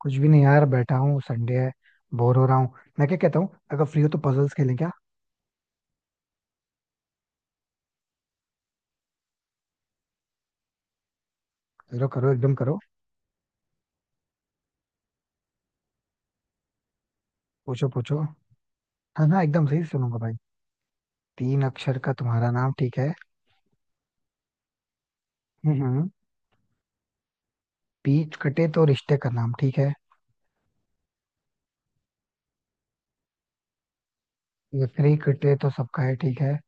कुछ भी नहीं यार, बैठा हूँ, संडे है। बोर हो रहा हूँ। मैं क्या कहता हूँ, अगर फ्री हो तो पजल्स खेलें क्या? करो करो एकदम करो। पूछो पूछो। हाँ हाँ, एकदम सही सुनूंगा भाई। तीन अक्षर का तुम्हारा नाम, ठीक है। हम्म। बीच कटे तो रिश्ते का नाम, ठीक है। लकड़ी कटे तो सबका है, ठीक है।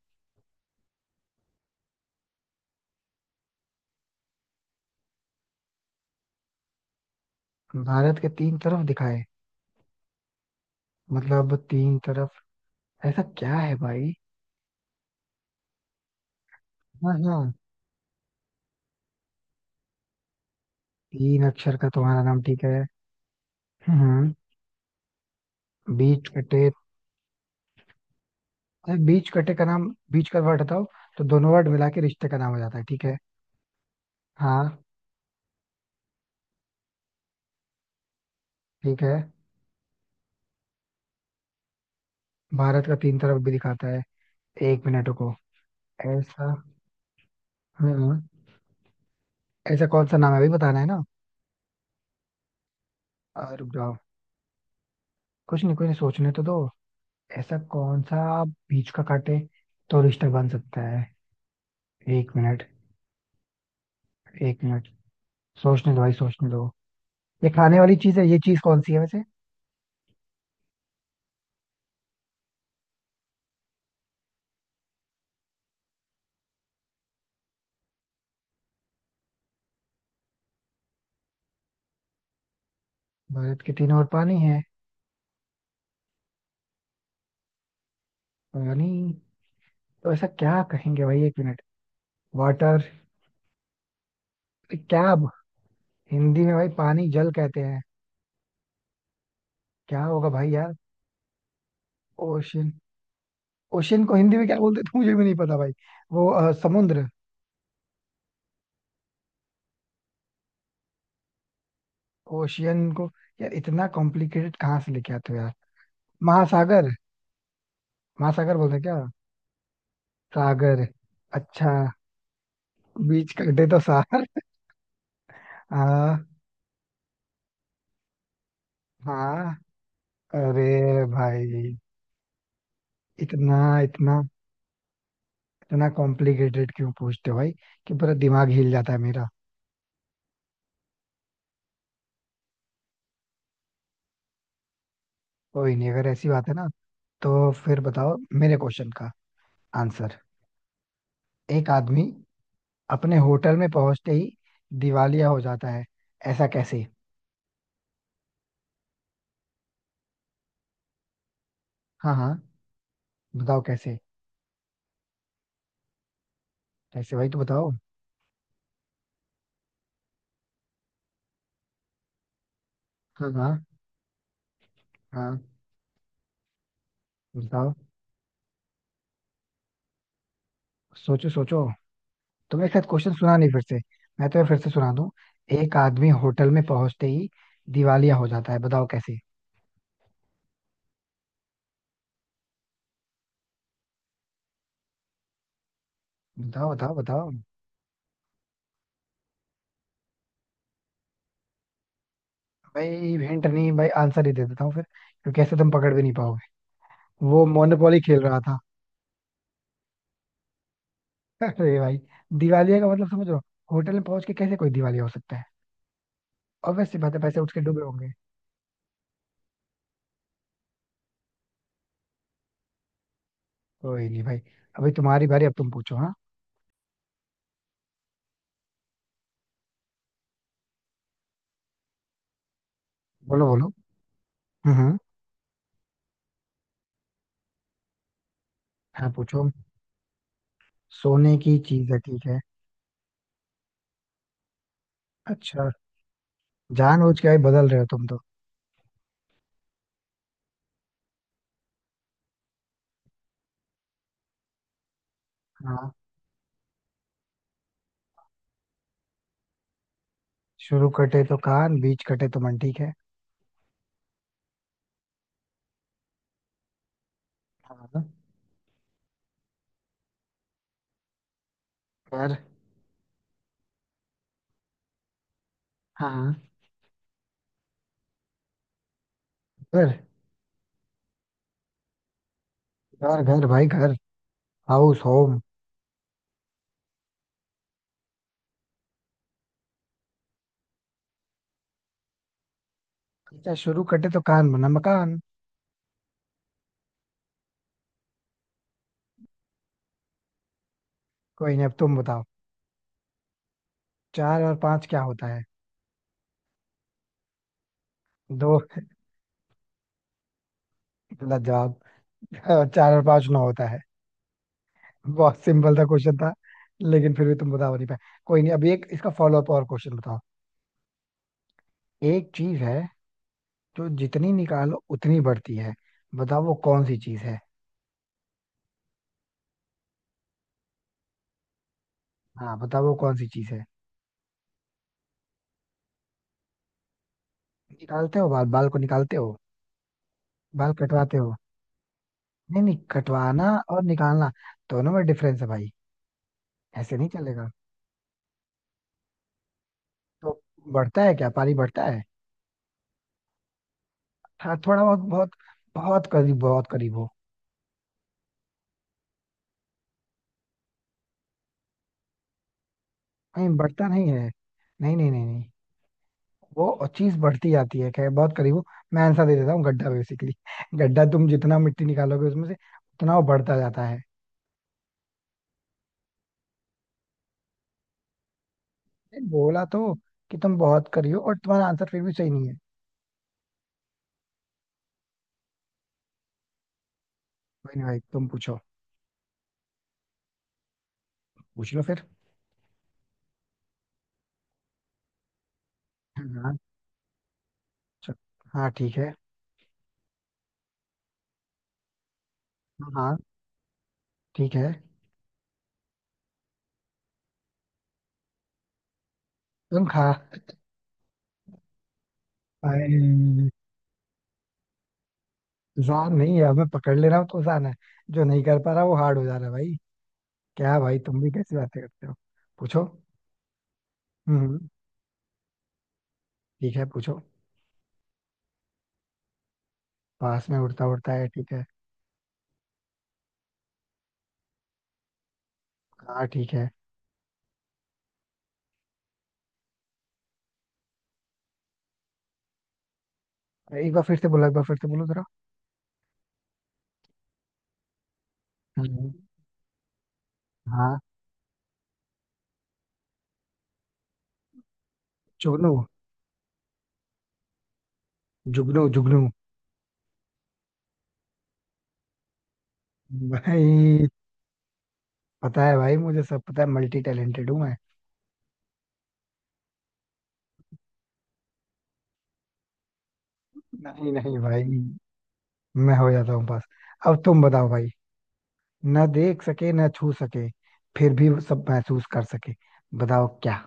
भारत के तीन तरफ दिखाए? मतलब तीन तरफ। ऐसा क्या है भाई? हाँ हाँ। तीन अक्षर का तुम्हारा नाम, ठीक है। हम्म हम्म। बीच कटे। अरे, बीच कटे का नाम, बीच का वर्ड हटाओ तो दोनों वर्ड मिला के रिश्ते का नाम हो जाता है, ठीक है। हाँ, ठीक है। भारत का तीन तरफ भी दिखाता है। एक मिनट रुको। ऐसा। हाँ, ऐसा कौन सा नाम है अभी बताना है ना? रुक जाओ। कुछ नहीं कुछ नहीं, सोचने तो दो। ऐसा कौन सा बीच का काटे तो रिश्ता बन सकता है? एक मिनट, एक मिनट। सोचने दो भाई, सोचने दो। ये खाने वाली चीज है, ये चीज कौन सी है वैसे? भारत के तीनों ओर पानी है। पानी। तो ऐसा क्या कहेंगे भाई? एक मिनट। वाटर। क्या अब? हिंदी में भाई पानी जल कहते हैं। क्या होगा भाई यार? ओशन ओशियन को हिंदी में क्या बोलते थे, मुझे भी नहीं पता भाई। वो समुद्र। ओशियन को? यार, इतना कॉम्प्लिकेटेड कहाँ से लेके आते हो यार? महासागर। महासागर बोलते हैं क्या? सागर। अच्छा, बीच कर दे तो सार। हाँ। हाँ, अरे भाई, इतना इतना इतना कॉम्प्लिकेटेड क्यों पूछते हो भाई? कि पूरा दिमाग हिल जाता है मेरा। कोई नहीं, अगर ऐसी बात है ना तो फिर बताओ मेरे क्वेश्चन का आंसर। एक आदमी अपने होटल में पहुंचते ही दिवालिया हो जाता है, ऐसा कैसे? हाँ हाँ, बताओ कैसे। कैसे भाई, तो बताओ। हाँ हाँ हाँ, बताओ। सोचो सोचो। तुम्हें शायद क्वेश्चन सुना नहीं, फिर से मैं तुम्हें फिर से सुना दूं। एक आदमी होटल में पहुंचते ही दिवालिया हो जाता है, बताओ कैसे। बताओ बताओ बताओ। भाई, हिंट नहीं भाई, आंसर ही दे देता हूँ फिर, क्योंकि ऐसे तुम पकड़ भी नहीं पाओगे। वो मोनोपोली खेल रहा था। अरे भाई, दिवालिया का मतलब समझ रहे हो? होटल में पहुंच के कैसे कोई दिवालिया हो सकता है? और वैसे बात है, पैसे उठ के डूबे होंगे। कोई नहीं भाई, अभी तुम्हारी बारी, अब तुम पूछो। हाँ, बोलो बोलो। हम्म हम्म, हाँ, पूछो। सोने की चीज है, ठीक है। अच्छा, जानबूझ के भाई बदल रहे हो तुम तो। हाँ, शुरू कटे तो कान, बीच कटे तो मन, ठीक है। हाँ, घर। हाँ, घर घर घर भाई, घर। House, home. अच्छा, शुरू कटे तो कान बना मकान। कोई नहीं, अब तुम बताओ। चार और पांच क्या होता है? दो? गलत जवाब। हाँ, चार और पांच नौ होता है। बहुत सिंपल था क्वेश्चन था, लेकिन फिर भी तुम बता नहीं पाए। कोई नहीं, अभी एक इसका फॉलो अप और क्वेश्चन बताओ। एक चीज है जो जितनी निकालो उतनी बढ़ती है, बताओ वो कौन सी चीज है। हाँ, बताओ वो कौन सी चीज है। निकालते हो बाल? बाल को निकालते हो? बाल कटवाते हो। नहीं नहीं, कटवाना और निकालना दोनों में डिफरेंस है भाई। ऐसे नहीं चलेगा। तो बढ़ता है क्या? पानी बढ़ता है? हाँ, थोड़ा बहुत, बहुत। बहुत करीब, बहुत करीब हो। नहीं, बढ़ता नहीं है। नहीं नहीं नहीं नहीं। वो चीज बढ़ती जाती है, खैर बहुत करीब हो। मैं आंसर दे देता हूँ, गड्ढा बेसिकली। गड्ढा, तुम जितना मिट्टी निकालोगे उसमें से उतना वो बढ़ता जाता है। नहीं, बोला तो कि तुम बहुत करियो और तुम्हारा आंसर फिर भी सही नहीं है। कोई नहीं भाई, तुम पूछो। पूछ लो फिर। हाँ, चल। हाँ, ठीक है। हाँ, ठीक है। तुम खा। अरे, आसान नहीं है, अब मैं पकड़ ले रहा हूँ तो आसान है। जो नहीं कर पा रहा वो हार्ड हो जा रहा है भाई। क्या भाई, तुम भी कैसी बातें करते हो। पूछो। हम्म। ठीक है, पूछो। पास में उड़ता उड़ता है, ठीक है। हाँ, ठीक है। एक बार फिर से बोलो, एक बार फिर से बोलो जरा। हम्म, हाँ, जुगनू। जुगनू जुगनू भाई, पता है भाई, मुझे सब पता है, मल्टी टैलेंटेड हूँ मैं। नहीं नहीं भाई, मैं हो जाता हूँ पास। अब तुम बताओ भाई। ना देख सके ना छू सके, फिर भी सब महसूस कर सके, बताओ क्या।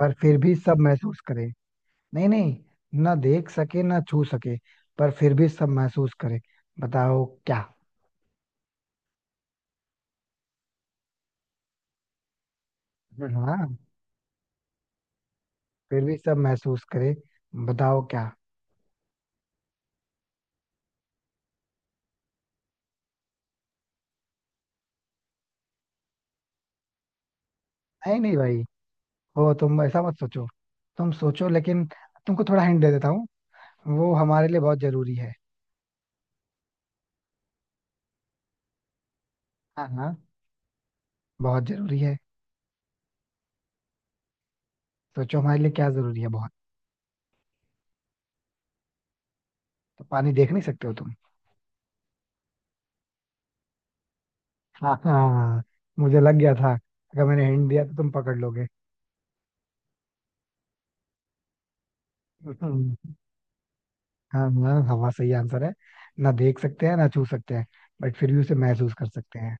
पर फिर भी सब महसूस करे। नहीं नहीं, ना देख सके ना छू सके, पर फिर भी सब महसूस करे, बताओ क्या। हाँ, फिर भी सब महसूस करे, बताओ क्या। नहीं नहीं भाई, हो तुम ऐसा मत सोचो। तुम सोचो लेकिन, तुमको थोड़ा हिंट दे देता हूँ। वो हमारे लिए बहुत जरूरी है। हाँ हाँ, बहुत जरूरी है। सोचो हमारे लिए क्या जरूरी है बहुत। तो पानी देख नहीं सकते हो तुम? हाँ हाँ, मुझे लग गया था अगर मैंने हिंट दिया तो तुम पकड़ लोगे। हम्म, हाँ हाँ, हवा सही आंसर है। ना देख सकते हैं ना छू सकते हैं, बट फिर भी उसे महसूस कर सकते हैं।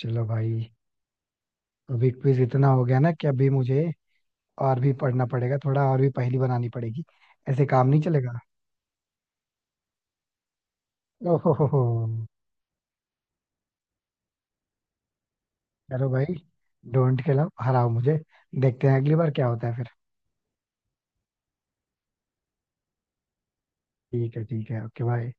चलो भाई, अभी क्विज इतना हो गया ना कि अभी मुझे और भी पढ़ना पड़ेगा, थोड़ा और भी पहेली बनानी पड़ेगी। ऐसे काम नहीं चलेगा। ओहो हो, चलो भाई। डोंट खिलाओ, हराओ मुझे। देखते हैं अगली बार क्या होता है फिर। ठीक है, ठीक है। Okay, bye.